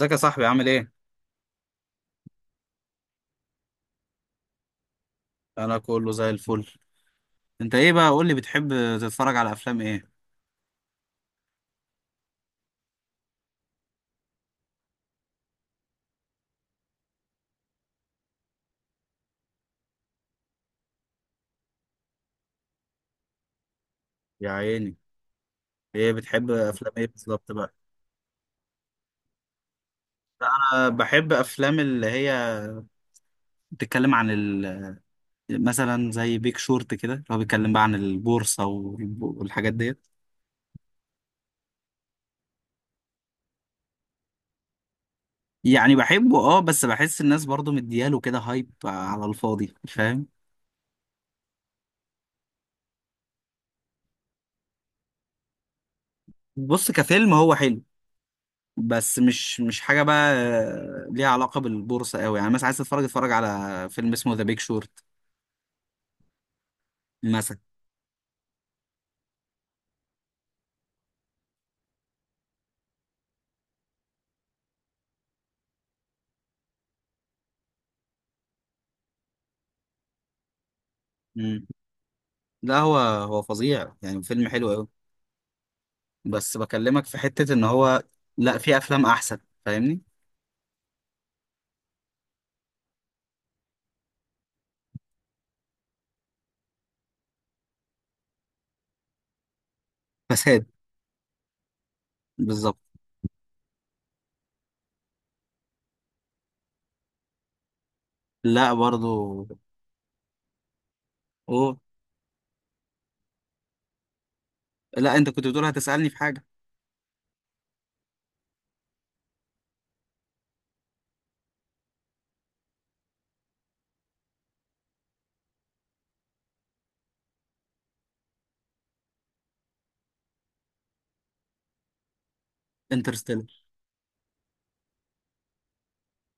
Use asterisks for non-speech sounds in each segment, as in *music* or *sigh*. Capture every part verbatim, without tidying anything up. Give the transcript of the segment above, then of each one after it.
ازيك يا صاحبي، عامل ايه؟ انا كله زي الفل. انت ايه بقى، قول لي، بتحب تتفرج على افلام ايه؟ يا عيني. ايه بتحب، افلام ايه بالظبط بقى؟ لا، انا بحب افلام اللي هي بتتكلم عن ال... مثلا زي بيك شورت كده، اللي هو بيتكلم بقى عن البورصة والب- والحاجات ديت. يعني بحبه اه، بس بحس الناس برضو مدياله كده، هايب على الفاضي، فاهم؟ بص، كفيلم هو حلو، بس مش مش حاجة بقى آه، ليها علاقة بالبورصة قوي. يعني مثلا عايز تتفرج، اتفرج على فيلم اسمه ذا بيك شورت مثلا. مم. لا، هو هو فظيع، يعني فيلم حلو قوي. بس بكلمك في حتة ان هو. لا، في افلام احسن، فاهمني؟ فساد. بالظبط. لا برضو. اوه. لا، انت كنت بتقول هتسألني في حاجة. انترستيلر.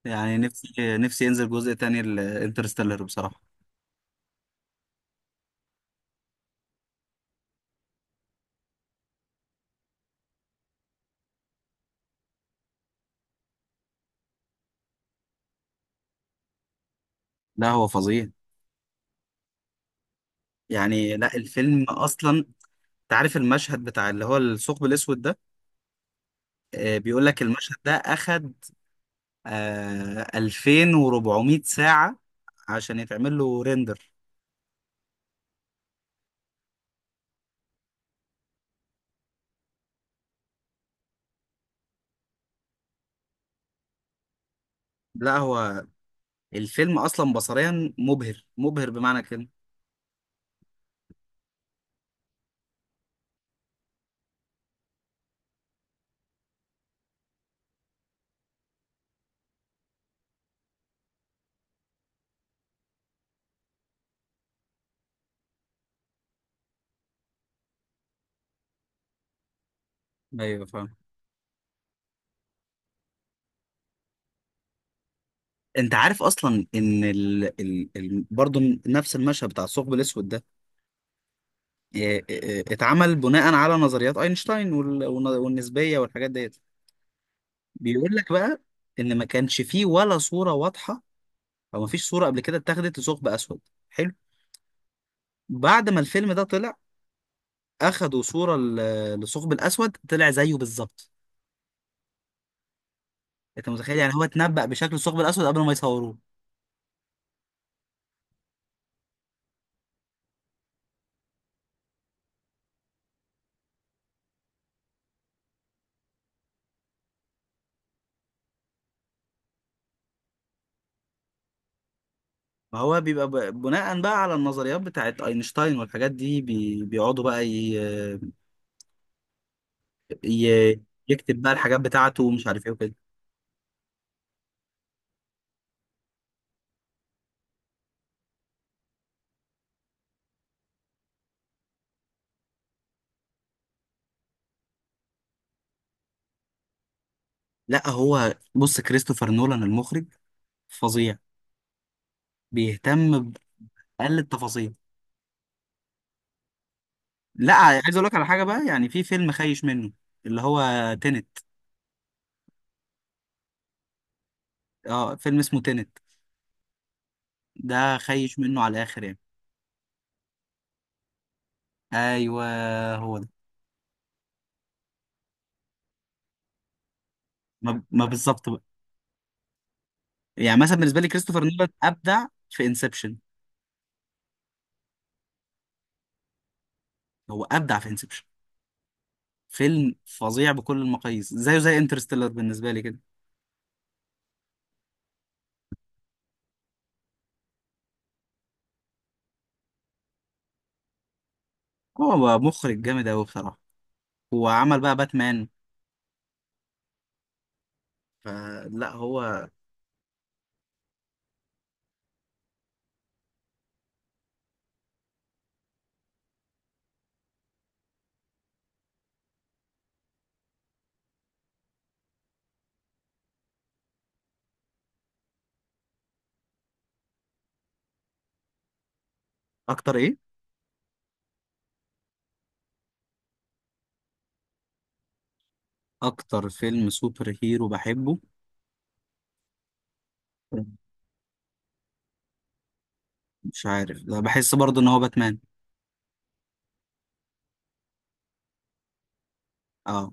يعني نفسي نفسي ينزل جزء تاني لانترستيلر بصراحة. لا هو فظيع، يعني لا الفيلم اصلا. تعرف المشهد بتاع اللي هو الثقب الاسود ده، آه بيقول لك المشهد ده اخد آه ألفين وأربعمية ساعة عشان يتعمل له ريندر. لا، هو الفيلم اصلا بصريا مبهر مبهر، بمعنى كده. ايوه فاهم. انت عارف اصلا ان ال... ال... ال... برضه نفس المشهد بتاع الثقب الاسود ده اه، اه، آه، اتعمل بناء على نظريات اينشتاين وال... والن- والنسبيه والحاجات ديت. بيقول لك بقى ان ما كانش فيه ولا صوره واضحه، او ما فيش صوره قبل كده اتاخدت لثقب اسود. حلو. بعد ما الفيلم ده طلع، اخدوا صوره ل- للثقب الاسود، طلع زيه بالظبط. انت متخيل؟ يعني هو اتنبأ بشكل الثقب الاسود قبل ما يصوروه. ما هو بيبقى ب- بناء بقى على النظريات بتاعت اينشتاين والحاجات دي، بي... بيقعدوا بقى ي... ي... يكتب بقى الحاجات بتاعته ومش عارف ايه وكده. لا هو بص، كريستوفر نولان المخرج فظيع، بيهتم بأقل التفاصيل. لا، عايز اقول لك على حاجة بقى، يعني في فيلم خايش منه، اللي هو تينت. اه، فيلم اسمه تينت، ده خايش منه على الاخر يعني. ايوه، هو ده. ما, ما بالظبط بقى. يعني مثلا بالنسبة لي كريستوفر نولان ابدع في انسبشن. هو ابدع في انسبشن، فيلم فظيع بكل المقاييس، زيه زي انترستيلر بالنسبة لي كده. هو بقى مخرج جامد أوي بصراحة، وعمل بقى باتمان. فلا هو. أكتر إيه؟ أكتر فيلم سوبر هيرو بحبه. مش عارف، لا، بحس برضه إن هو باتمان. أه.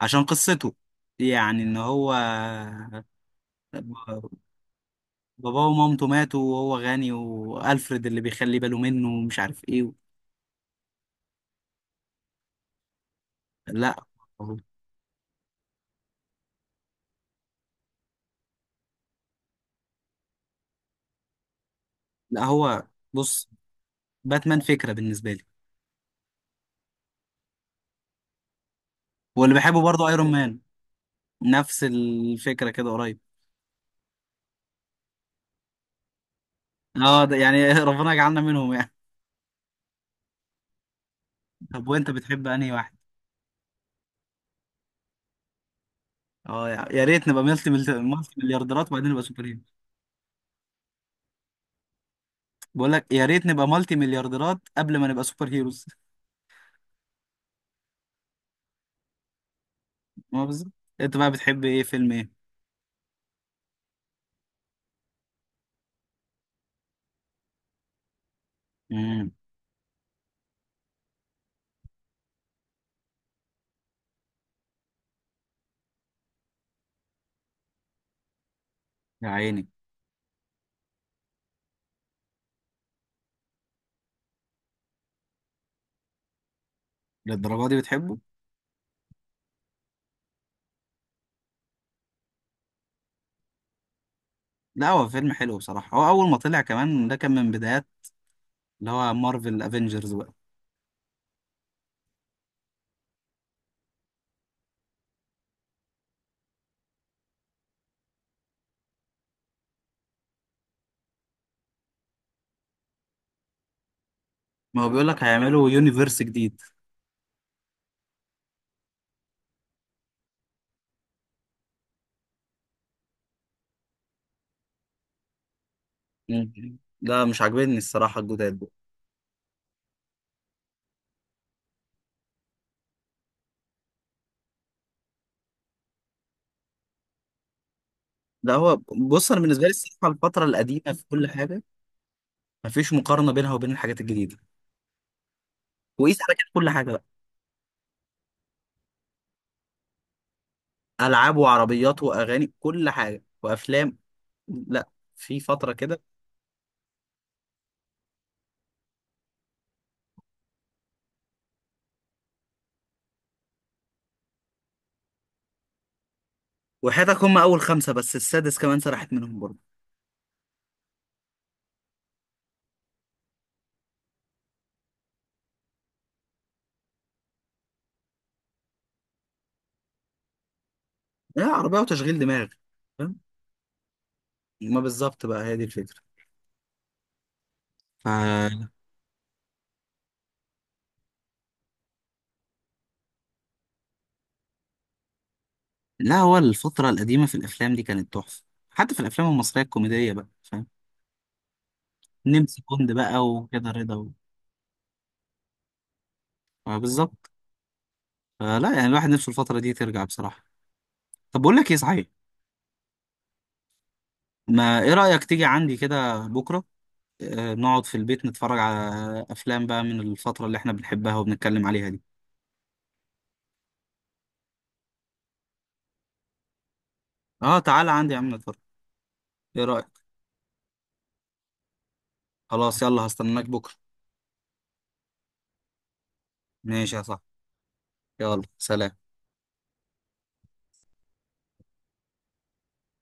عشان قصته، يعني إن هو ب- باباه ومامته ماتوا، وهو غني، وألفريد اللي بيخلي باله منه، ومش عارف إيه و... لا، لا هو بص، باتمان فكرة بالنسبة لي، واللي بحبه برضه أيرون مان، نفس الفكرة كده قريب. اه ده يعني *laughs* ربنا يجعلنا منهم يعني. طب وانت بتحب انهي واحد؟ اه، يا يا ريت نبقى ملتي ملت- ملتي مليارديرات، وبعدين نبقى سوبر هيرو. بقول لك يا ريت نبقى ملتي مليارديرات قبل ما نبقى سوبر هيروز. *laughs* ما بالظبط. انت بقى بتحب ايه، فيلم ايه؟ امم. يا عيني. للدرجة دي بتحبه؟ لا، هو فيلم حلو بصراحة، هو أول ما طلع كمان ده كان من بدايات اللي هو مارفل افنجرز بقى. ما هو بيقول لك هيعملوا يونيفرس جديد. مم. لا، مش عاجبني الصراحة الجداد. لا هو بص، انا بالنسبه لي الصراحه الفتره القديمه في كل حاجه، مفيش مقارنه بينها وبين الحاجات الجديده، وقيس على كده كل حاجه بقى، العاب وعربيات واغاني كل حاجه وافلام. لا، في فتره كده. وحياتك هم اول خمسه، بس السادس كمان سرحت منهم برضه. لا، عربيه وتشغيل دماغ. فاهم. ما بالظبط بقى، هي دي الفكره. ف لا هو الفتره القديمه في الافلام دي كانت تحفه، حتى في الافلام المصريه الكوميديه بقى، فاهم؟ نمسي كوند بقى وكده، رضا و... آه، بالظبط. فلا يعني الواحد نفسه الفتره دي ترجع بصراحه. طب بقول لك ايه صحيح، ما ايه رأيك تيجي عندي كده بكرة، آه، نقعد في البيت نتفرج على افلام بقى من الفترة اللي احنا بنحبها وبنتكلم عليها دي؟ اه، تعالى عندي يا عم نتفرج، ايه رأيك؟ خلاص يلا، هستناك بكرة. ماشي يا صاحبي. يلا سلام.